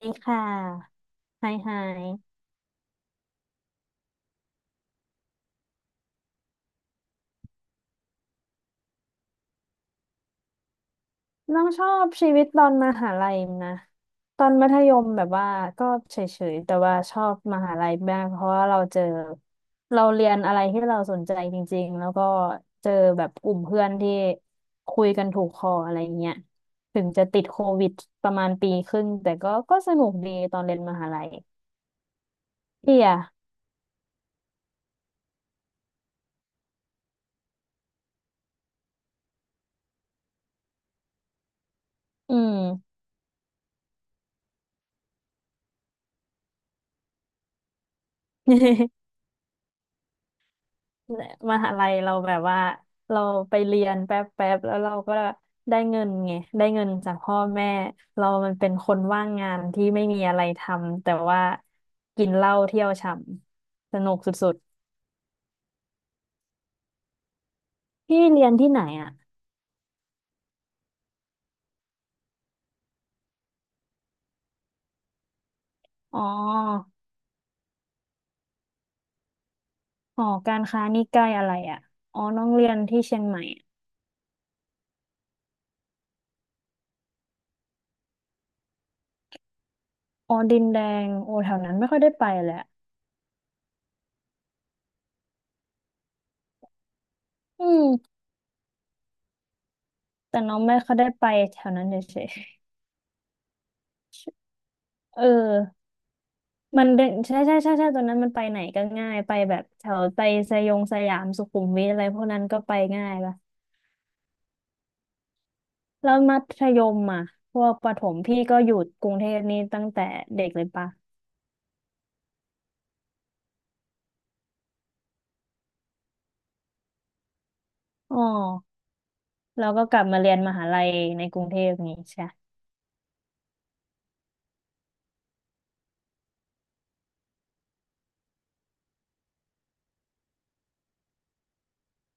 ดีค่ะไฮไฮ น้องชอบชีวิตตอนมหาลัยนะ ตอนมัธยมแบบว่าก็เฉยๆ แต่ว่าชอบมหาลัยมากเพราะว่าเราเรียนอะไรที่เราสนใจจริงๆ แล้วก็เจอแบบกลุ่มเพื่อนที่คุยกันถูกคออะไรเงี้ย ถึงจะติดโควิดประมาณปีครึ่งแต่ก็สนุกดีตอนเรียนมหาลัยพี่อะอืม มหาลัยเราแบบว่าเราไปเรียนแป๊บแป๊บแล้วเราก็ได้เงินไงได้เงินจากพ่อแม่เรามันเป็นคนว่างงานที่ไม่มีอะไรทำแต่ว่ากินเหล้าเที่ยวฉ่ำสนุกสุดๆพี่เรียนที่ไหนอ่ะอ๋อหอการค้านี่ใกล้อะไรอ่ะอ๋อน้องเรียนที่เชียงใหม่อะอ๋อดินแดงโอ้แถวนั้นไม่ค่อยได้ไปเลยอะอืมแต่น้องไม่ค่อยได้ไปแถวนั้นเฉยๆเออ มันเดินใช่ใช่ใช่ใช่ตอนนั้นมันไปไหนก็ง่ายไปแบบแถวไปสยองสยามสุขุมวิทอะไรพวกนั้นก็ไปง่ายละแล้วมัธยมอ่ะพวกประถมพี่ก็อยู่กรุงเทพนี่ตั้งแต่เด็กเลยปะอ๋อแล้วก็กลับมาเรียนมหาลัยในกรุงเทพนี้ใช่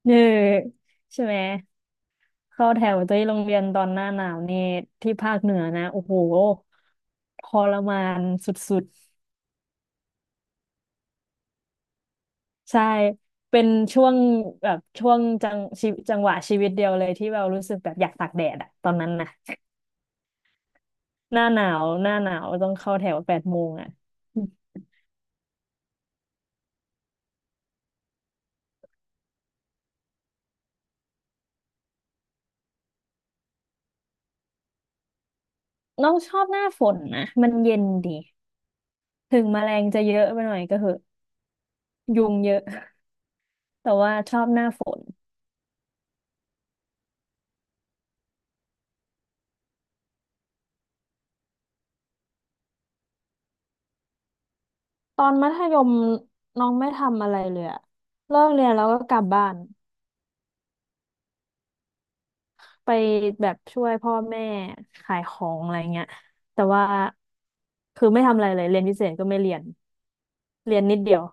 เนอ ใช่ไหมเข้าแถวที่โรงเรียนตอนหน้าหนาวนี่ที่ภาคเหนือนะโอ้โหทรมานสุด ใช่ เป็นช่วงแบบช่วงจังชีวิตจังหวะชีวิตเดียวเลยที่เรารู้สึกแบบอยากตากแดดอะตอนนั้นนะ หน้าหนาวต้องเข้าแถว8 โมงอะอืมน้องชอบหน้าฝนนะมันเย็นดีถึงแมลงจะเยอะไปหน่อยก็เหอะยุงเยอะแต่ว่าชอบหน้าฝนตอนมัธยมน้องไม่ทำอะไรเลยอะเลิกเรียนแล้วก็กลับบ้าน ไปแบบช่วยพ่อแม่ขายของอะไรเงี้ยแต่ว่าคือไม่ทำอะไรเลยเรียนพิเศษก็ไม่เรียนเรียนนิดเดียว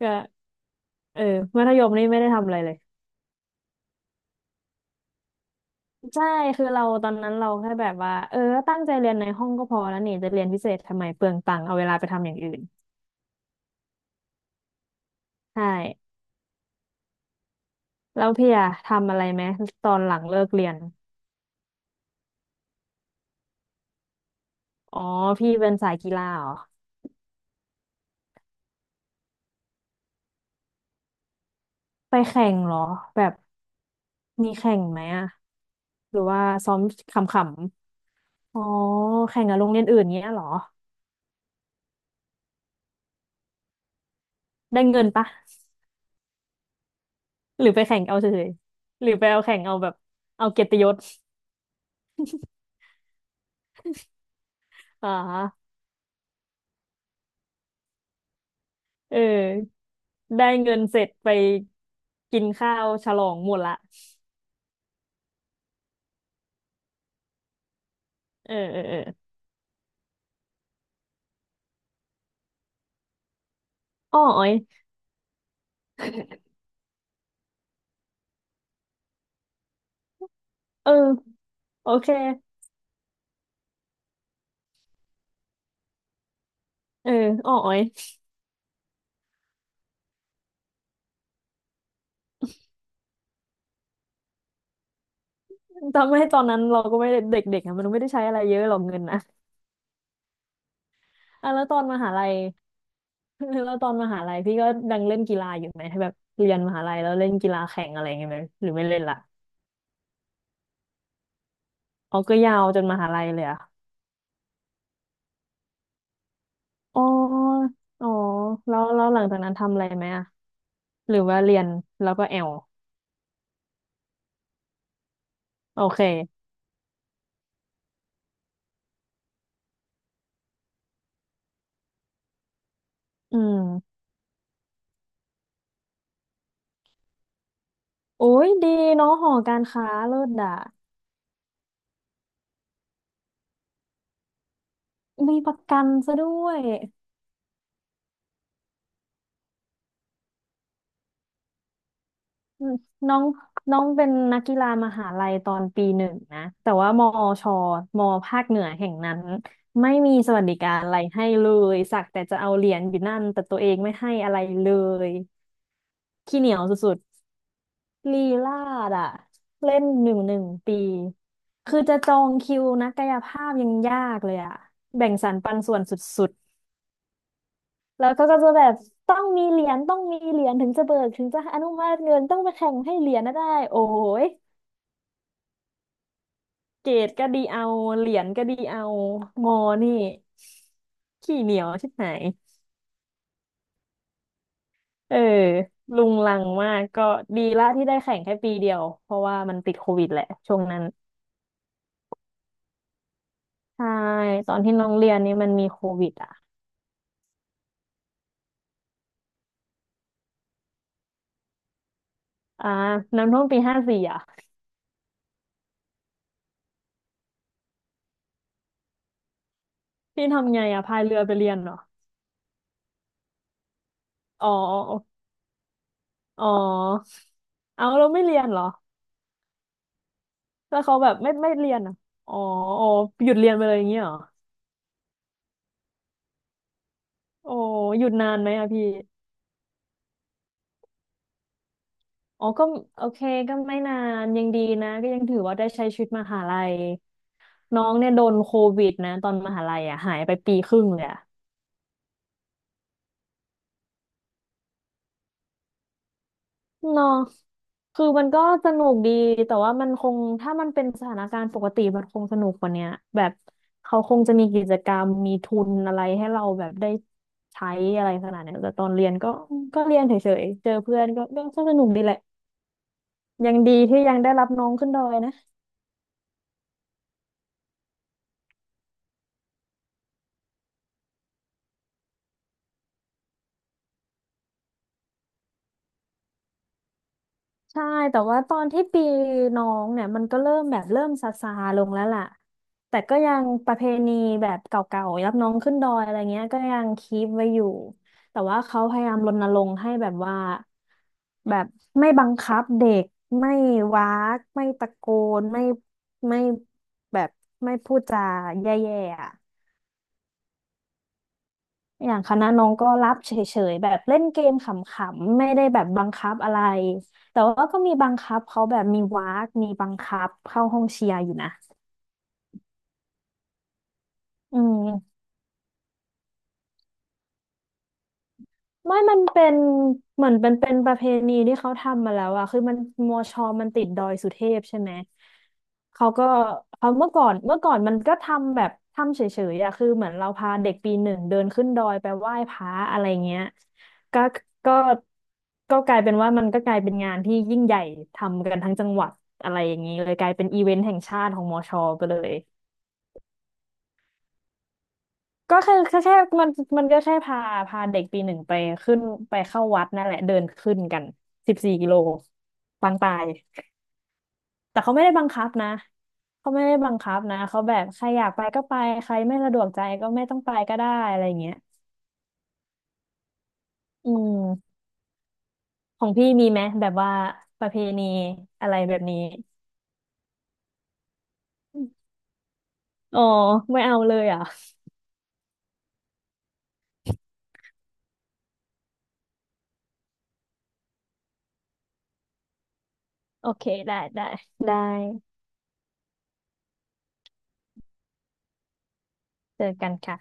ก็เออมัธยมนี่ไม่ได้ทำอะไรเลยใช่คือเราตอนนั้นเราแค่แบบว่าเออตั้งใจเรียนในห้องก็พอแล้วนี่จะเรียนพิเศษทำไมเปลืองตังค์เอาเวลาไปทำอย่างอื่นใช่แล้วพี่อะทำอะไรไหมตอนหลังเลิกเรียนอ๋อพี่เป็นสายกีฬาเหรอไปแข่งเหรอแบบมีแข่งไหมอะหรือว่าซ้อมขำ อ๋อแข่งกับโรงเรียนอื่นเงี้ยเหรอได้เงินปะหรือไปแข่งเอาเฉยๆหรือไปเอาแข่งเอาแบบเอาเกียรติยศอ่าเออได้เงินเสร็จไปกินข้าวฉลองหมดละเออเออเอออ้ออ้อยเออโอเคเอออ้ออ้อยจำไม่ตอนนั้นเราก็ไม่ได้เด็กๆอะมันไม่ได้ใช้อะไรเยอะหรอกเงินนะอ่ะแล้วตอนมหาลัย แล้วตอนมหาลัยพี่ก็ดังเล่นกีฬาอยู่ไหมแบบเรียนมหาลัยแล้วเล่นกีฬาแข่งอะไรอย่างเงี้ยไหมหรือไม่เล่นละ อ๋อ ก็ยาวจนมหาลัยเลยอ่ะอ๋อ อ๋อแล้วหลังจากนั้นทำอะไรไหมอ่ะหรือว่าเรียนแล้วก็แอลโอเคอืมโอ้ยดีเนาะหอการค้าเลิศด่ะมีประกันซะด้วยอืมน้องน้องเป็นนักกีฬามหาลัยตอนปีหนึ่งนะ แต่ว่ามอชมอภาคเหนือแห่งนั้นไม่มีสวัสดิการอะไรให้เลย สักแต่จะเอาเหรียญอยู่นั่นแต่ตัวเองไม่ให้อะไรเลยขี้เหนียวสุด ลีลาดอะเล่นหนึ่งปีคือจะจองคิวนักกายภาพยังยากเลยอะแบ่งสรรปันส่วนสุดๆแล้วก็จะแบบต้องมีเหรียญถึงจะเบิกถึงจะอนุมัติเงินต้องไปแข่งให้เหรียญนะได้โอ้ยเกรดก็ดีเอาเหรียญก็ดีเอางอนี่ขี้เหนียวชิบหายเออลุงลังมากก็ดีละที่ได้แข่งแค่ปีเดียวเพราะว่ามันติดโควิดแหละช่วงนั้นใช่ตอนที่น้องเรียนนี่มันมีโควิดอ่ะ อ่าน้ำท่วมปี 54อ่ะพี่ทำไงอ่ะพายเรือไปเรียนเหรออ๋ออ๋อเอาเราไม่เรียนเหรอแล้วเขาแบบไม่เรียนอ่ะอ๋ออ๋อหยุดเรียนไปเลยอย่างเงี้ยเหรอโอ้หยุดนานไหมอ่ะพี่อ๋อก็โอเคก็ไม่นานยังดีนะก็ยังถือว่าได้ใช้ชีวิตมหาลัยน้องเนี่ยโดนโควิดนะตอนมหาลัยอ่ะหายไปปีครึ่งเลยอะ เนาะคือมันก็สนุกดี แต่ว่ามันคง ถ้ามันเป็นสถานการณ์ปกติมันคงสนุกกว่าเนี้ยแบบเขาคงจะมีกิจกรรมมีทุนอะไรให้เราแบบได้ใช้อะไรขนาดเนี้ยแต่ตอนเรียนก็เรียนเฉยๆ เจอเพื่อนก็สนุกดีแหละ ยังดีที่ยังได้รับน้องขึ้นดอยนะ ใช่แต่ว่าตอนที่ปีน้องเนี่ยมันก็เริ่มซาซาลงแล้วล่ะแต่ก็ยังประเพณีแบบเก่าๆรับน้องขึ้นดอยอะไรเงี้ยก็ยังคีปไว้อยู่แต่ว่าเขาพยายามรณรงค์ให้แบบว่าแบบไม่บังคับเด็กไม่ว้ากไม่ตะโกนไม่แบบไม่พูดจาแย่ๆอ่ะ อย่างคณะน้องก็รับเฉยๆแบบเล่นเกมขำๆไม่ได้แบบบังคับอะไรแต่ว่าก็มีบังคับเขาแบบมีวากมีบังคับเข้าห้องเชียร์อยู่นะอืม ไม่มันเป็นเหมือนเป็นประเพณีที่เขาทำมาแล้วอะคือมันมอชอมันติดดอยสุเทพใช่ไหม เขาก็เขาเมื่อก่อนมันก็ทำแบบทำเฉยๆอะคือเหมือนเราพาเด็กปีหนึ่งเดินขึ้นดอยไปไหว้พระอะไรเงี้ยก็ก็ก็กลายเป็นว่ามันก็กลายเป็นงานที่ยิ่งใหญ่ทำกันทั้งจังหวัดอะไรอย่างนี้เลยกลายเป็นอีเวนต์แห่งชาติของมอชอไปเลย ก็แค่มันมันก็แค่พาเด็กปีหนึ่งไปขึ้นไปเข้าวัดนั่นแหละเดินขึ้นกัน14 กิโลปางตายแต่เขาไม่ได้บังคับนะเขาไม่ได้บังคับนะเขาแบบใครอยากไปก็ไปใครไม่สะดวกใจก็ไม่ต้องไปก็ได้อะไรอย่างเงี้ยอืมของพี่มีไหมแบบว่าประเพณีอะไรแบบนี้อ๋อไม่เอาเลยเหรอ่ะโอเคได้ได้ได้เจอกันค่ะ